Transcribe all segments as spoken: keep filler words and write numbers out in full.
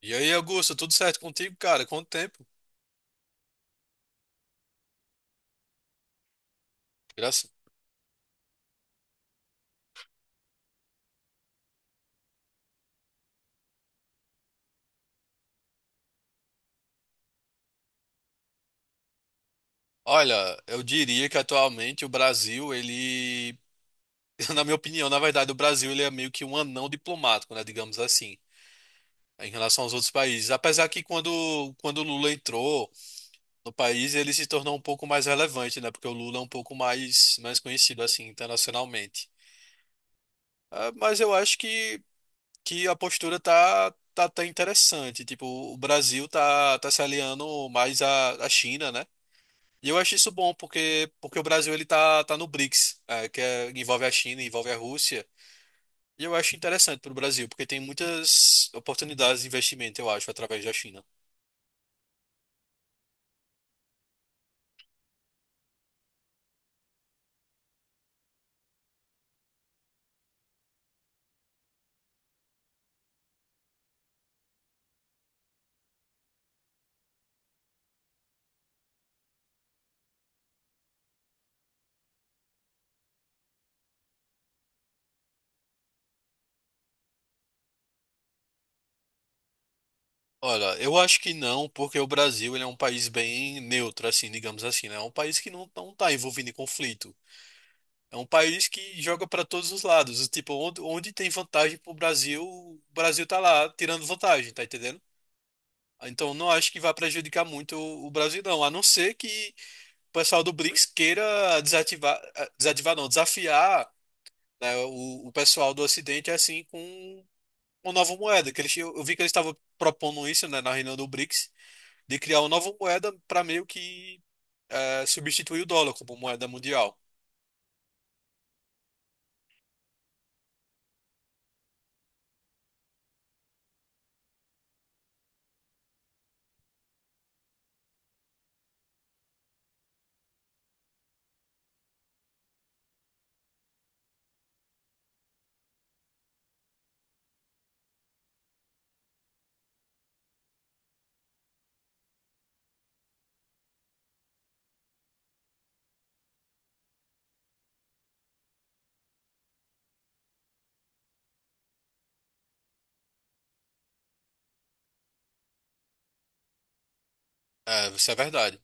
E aí, Augusto, tudo certo contigo, cara? Quanto tempo? Graças. Olha, eu diria que atualmente o Brasil, ele, na minha opinião, na verdade, o Brasil ele é meio que um anão diplomático, né, digamos assim, em relação aos outros países. Apesar que quando quando o Lula entrou no país, ele se tornou um pouco mais relevante, né, porque o Lula é um pouco mais mais conhecido assim internacionalmente. Ah, mas eu acho que que a postura tá tá, tá interessante. Tipo, o Brasil tá tá se aliando mais à, à China, né? E eu acho isso bom, porque, porque o Brasil ele tá, tá no B R I C S, é, que é- envolve a China, envolve a Rússia. E eu acho interessante para o Brasil, porque tem muitas oportunidades de investimento, eu acho, através da China. Olha, eu acho que não, porque o Brasil ele é um país bem neutro, assim, digamos assim, né? É um país que não, não tá envolvido em conflito. É um país que joga para todos os lados. Tipo, onde, onde tem vantagem pro Brasil, o Brasil tá lá tirando vantagem, tá entendendo? Então, não acho que vai prejudicar muito o o Brasil, não. A não ser que o pessoal do Blitz queira desativar, eh, desativar não, desafiar, né, o, o pessoal do Ocidente assim com uma nova moeda, que eles, eu eu vi que eles estavam propondo isso, né, na reunião do B R I C S, de criar uma nova moeda para meio que eh, substituir o dólar como moeda mundial. É, isso é verdade.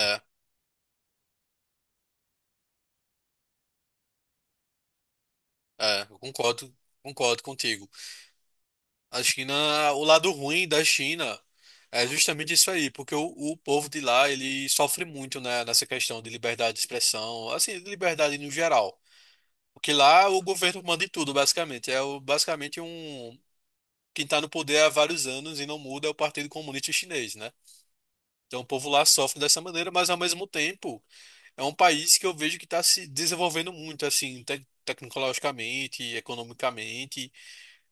É, é, eu concordo, concordo contigo. A China, o lado ruim da China é justamente isso aí, porque o, o povo de lá, ele sofre muito, né, nessa questão de liberdade de expressão, assim, de liberdade no geral. Porque lá o governo manda em tudo, basicamente. É o- basicamente um. Quem está no poder há vários anos e não muda é o Partido Comunista Chinês, né? Então o povo lá sofre dessa maneira, mas ao mesmo tempo é um país que eu vejo que está se desenvolvendo muito, assim, te tecnologicamente, economicamente.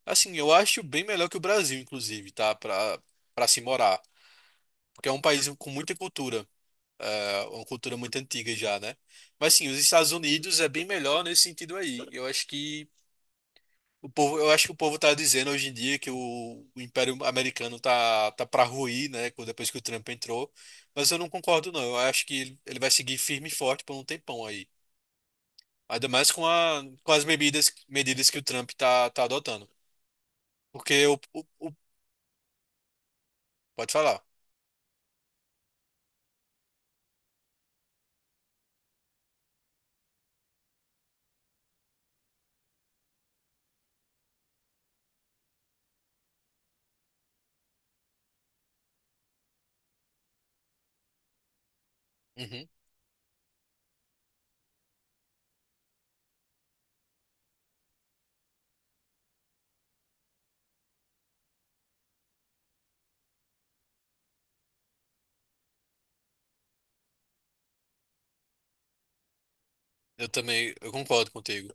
Assim, eu acho bem melhor que o Brasil, inclusive, tá? Para para se morar. Porque é um país com muita cultura, é uma cultura muito antiga já, né? Mas sim, os Estados Unidos é bem melhor nesse sentido aí. Eu acho que o povo, eu acho que o povo tá dizendo hoje em dia que o, o Império Americano tá, tá para ruir, né? co- Depois que o Trump entrou. Mas eu não concordo, não. Eu acho que ele ele vai seguir firme e forte por um tempão aí. Ainda mais com, a, com as medidas, medidas que o Trump tá, tá adotando. Porque o, o, o- Pode falar. Uhum. Eu também, eu concordo contigo.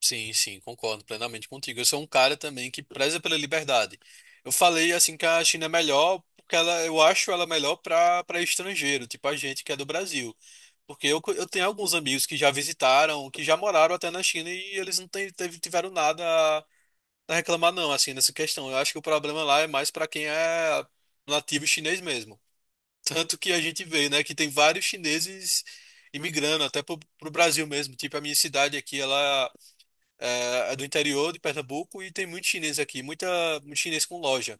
Sim, sim, concordo plenamente contigo. Eu sou um cara também que preza pela liberdade. Eu falei assim que a China é melhor porque ela, eu acho ela melhor para para estrangeiro, tipo a gente que é do Brasil. Porque eu, eu tenho alguns amigos que já visitaram, que já moraram até na China e eles não tem- teve- tiveram nada a a reclamar, não, assim, nessa questão. Eu acho que o problema lá é mais para quem é nativo chinês mesmo. Tanto que a gente vê, né, que tem vários chineses imigrando até pro, pro Brasil mesmo. Tipo, a minha cidade aqui, ela é, é do interior de Pernambuco e tem muito chinês aqui, muita, muito chinês com loja.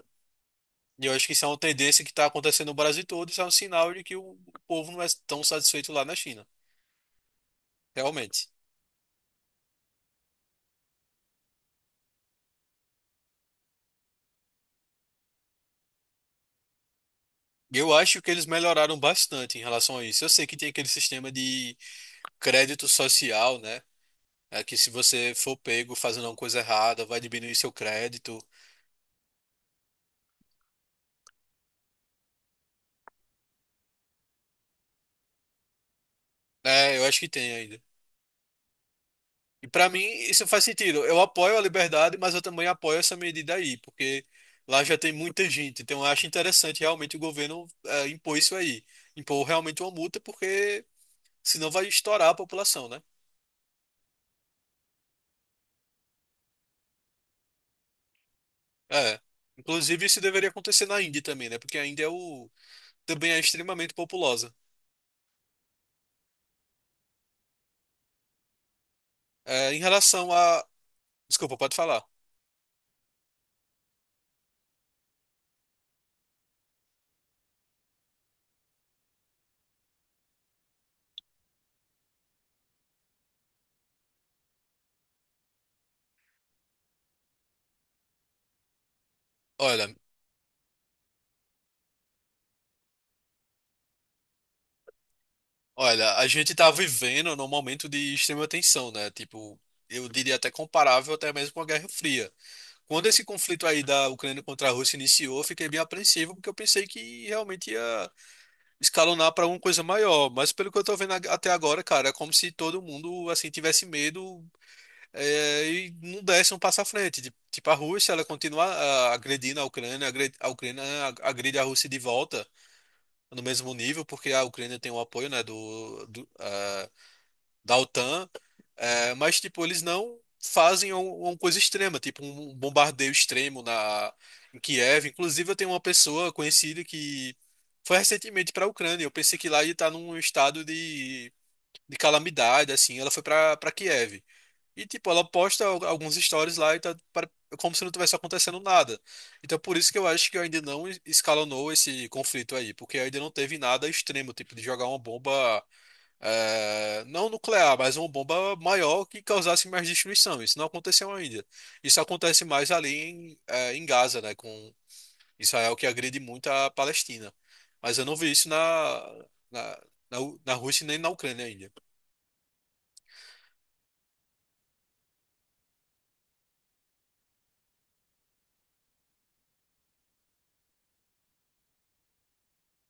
E eu acho que isso é uma tendência que está acontecendo no Brasil todo, isso é um sinal de que o povo não é tão satisfeito lá na China, realmente. Eu acho que eles melhoraram bastante em relação a isso. Eu sei que tem aquele sistema de crédito social, né? É que se você for pego fazendo alguma coisa errada, vai diminuir seu crédito. É, eu acho que tem ainda. E pra mim isso faz sentido. Eu apoio a liberdade, mas eu também apoio essa medida aí, porque lá já tem muita gente. Então eu acho interessante realmente o governo é, impor isso aí. Impor realmente uma multa, porque senão vai estourar a população, né? É. Inclusive isso deveria acontecer na Índia também, né? Porque a Índia é o também é extremamente populosa. É, em relação a. Desculpa, pode falar. Olha, olha, a gente tá vivendo num momento de extrema tensão, né? Tipo, eu diria até comparável até mesmo com a Guerra Fria. Quando esse conflito aí da Ucrânia contra a Rússia iniciou, eu fiquei bem apreensivo porque eu pensei que realmente ia escalonar para alguma coisa maior. Mas pelo que eu tô vendo ag- até agora, cara, é como se todo mundo assim tivesse medo é, e não desce um passo à frente. Tipo, tipo, a Rússia, ela continua ah, agredindo a Ucrânia, agredi- a Ucrânia ah, agride a Rússia de volta no mesmo nível, porque a Ucrânia tem o apoio, né, do, do, ah, da O T A N, eh, mas, tipo, eles não fazem um- uma coisa extrema, tipo um um bombardeio extremo na, em Kiev. Inclusive, eu tenho uma pessoa conhecida que foi recentemente para a Ucrânia. Eu pensei que lá ia estar num estado de, de calamidade, assim. Ela foi para para Kiev. E, tipo, ela posta al- alguns stories lá e tá pare- como se não tivesse acontecendo nada. Então, por isso que eu acho que ainda não es- escalonou esse conflito aí, porque ainda não teve nada extremo, tipo, de jogar uma bomba, eh, não nuclear, mas uma bomba maior que causasse mais destruição. Isso não aconteceu ainda. Isso acontece mais ali em, eh, em Gaza, né, com Israel que agride muito a Palestina. Mas eu não vi isso na, na, na, U- na Rússia nem na Ucrânia ainda.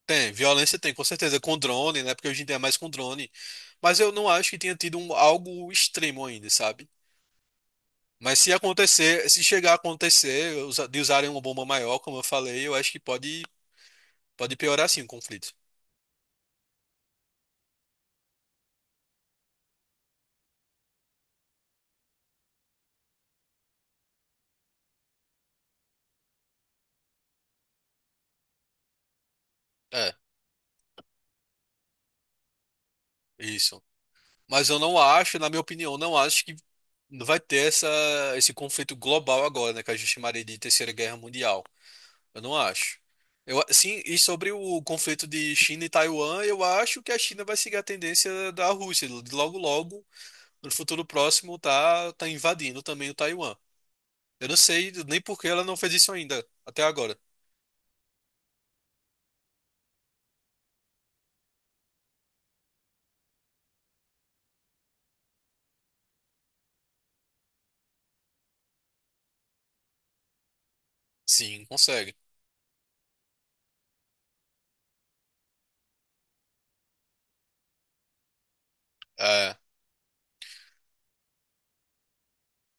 Tem, violência tem, com certeza, com drone, né? Porque hoje em dia é mais com drone. Mas eu não acho que tenha tido um- algo extremo ainda, sabe? Mas se acontecer, se chegar a acontecer usa- de usarem uma bomba maior, como eu falei, eu acho que pode, pode piorar sim o conflito. É, isso. Mas eu não acho, na minha opinião, não acho que vai ter essa, esse conflito global agora, né? Que a gente chamaria de Terceira Guerra Mundial. Eu não acho. Eu, sim, e sobre o conflito de China e Taiwan, eu acho que a China vai seguir a tendência da Rússia, de logo logo, no futuro próximo, tá, tá invadindo também o Taiwan. Eu não sei nem por que ela não fez isso ainda, até agora. Sim, consegue. É,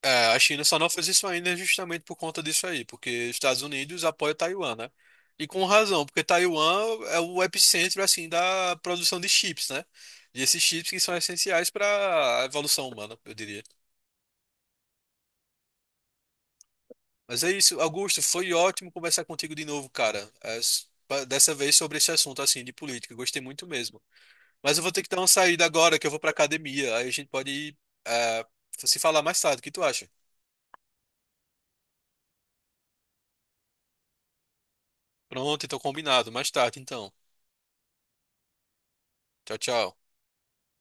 é, a China só não fez isso ainda justamente por conta disso aí, porque os Estados Unidos apoiam Taiwan, né? E com razão, porque Taiwan é o epicentro, assim, da produção de chips, né? E esses chips que são essenciais para a evolução humana, eu diria. Mas é isso, Augusto, foi ótimo conversar contigo de novo, cara. É, s- pa- dessa vez sobre esse assunto assim de política, gostei muito mesmo. Mas eu vou ter que dar uma saída agora, que eu vou pra academia. Aí a gente pode é, se falar mais tarde. O que tu acha? Pronto, então combinado. Mais tarde, então. Tchau, tchau.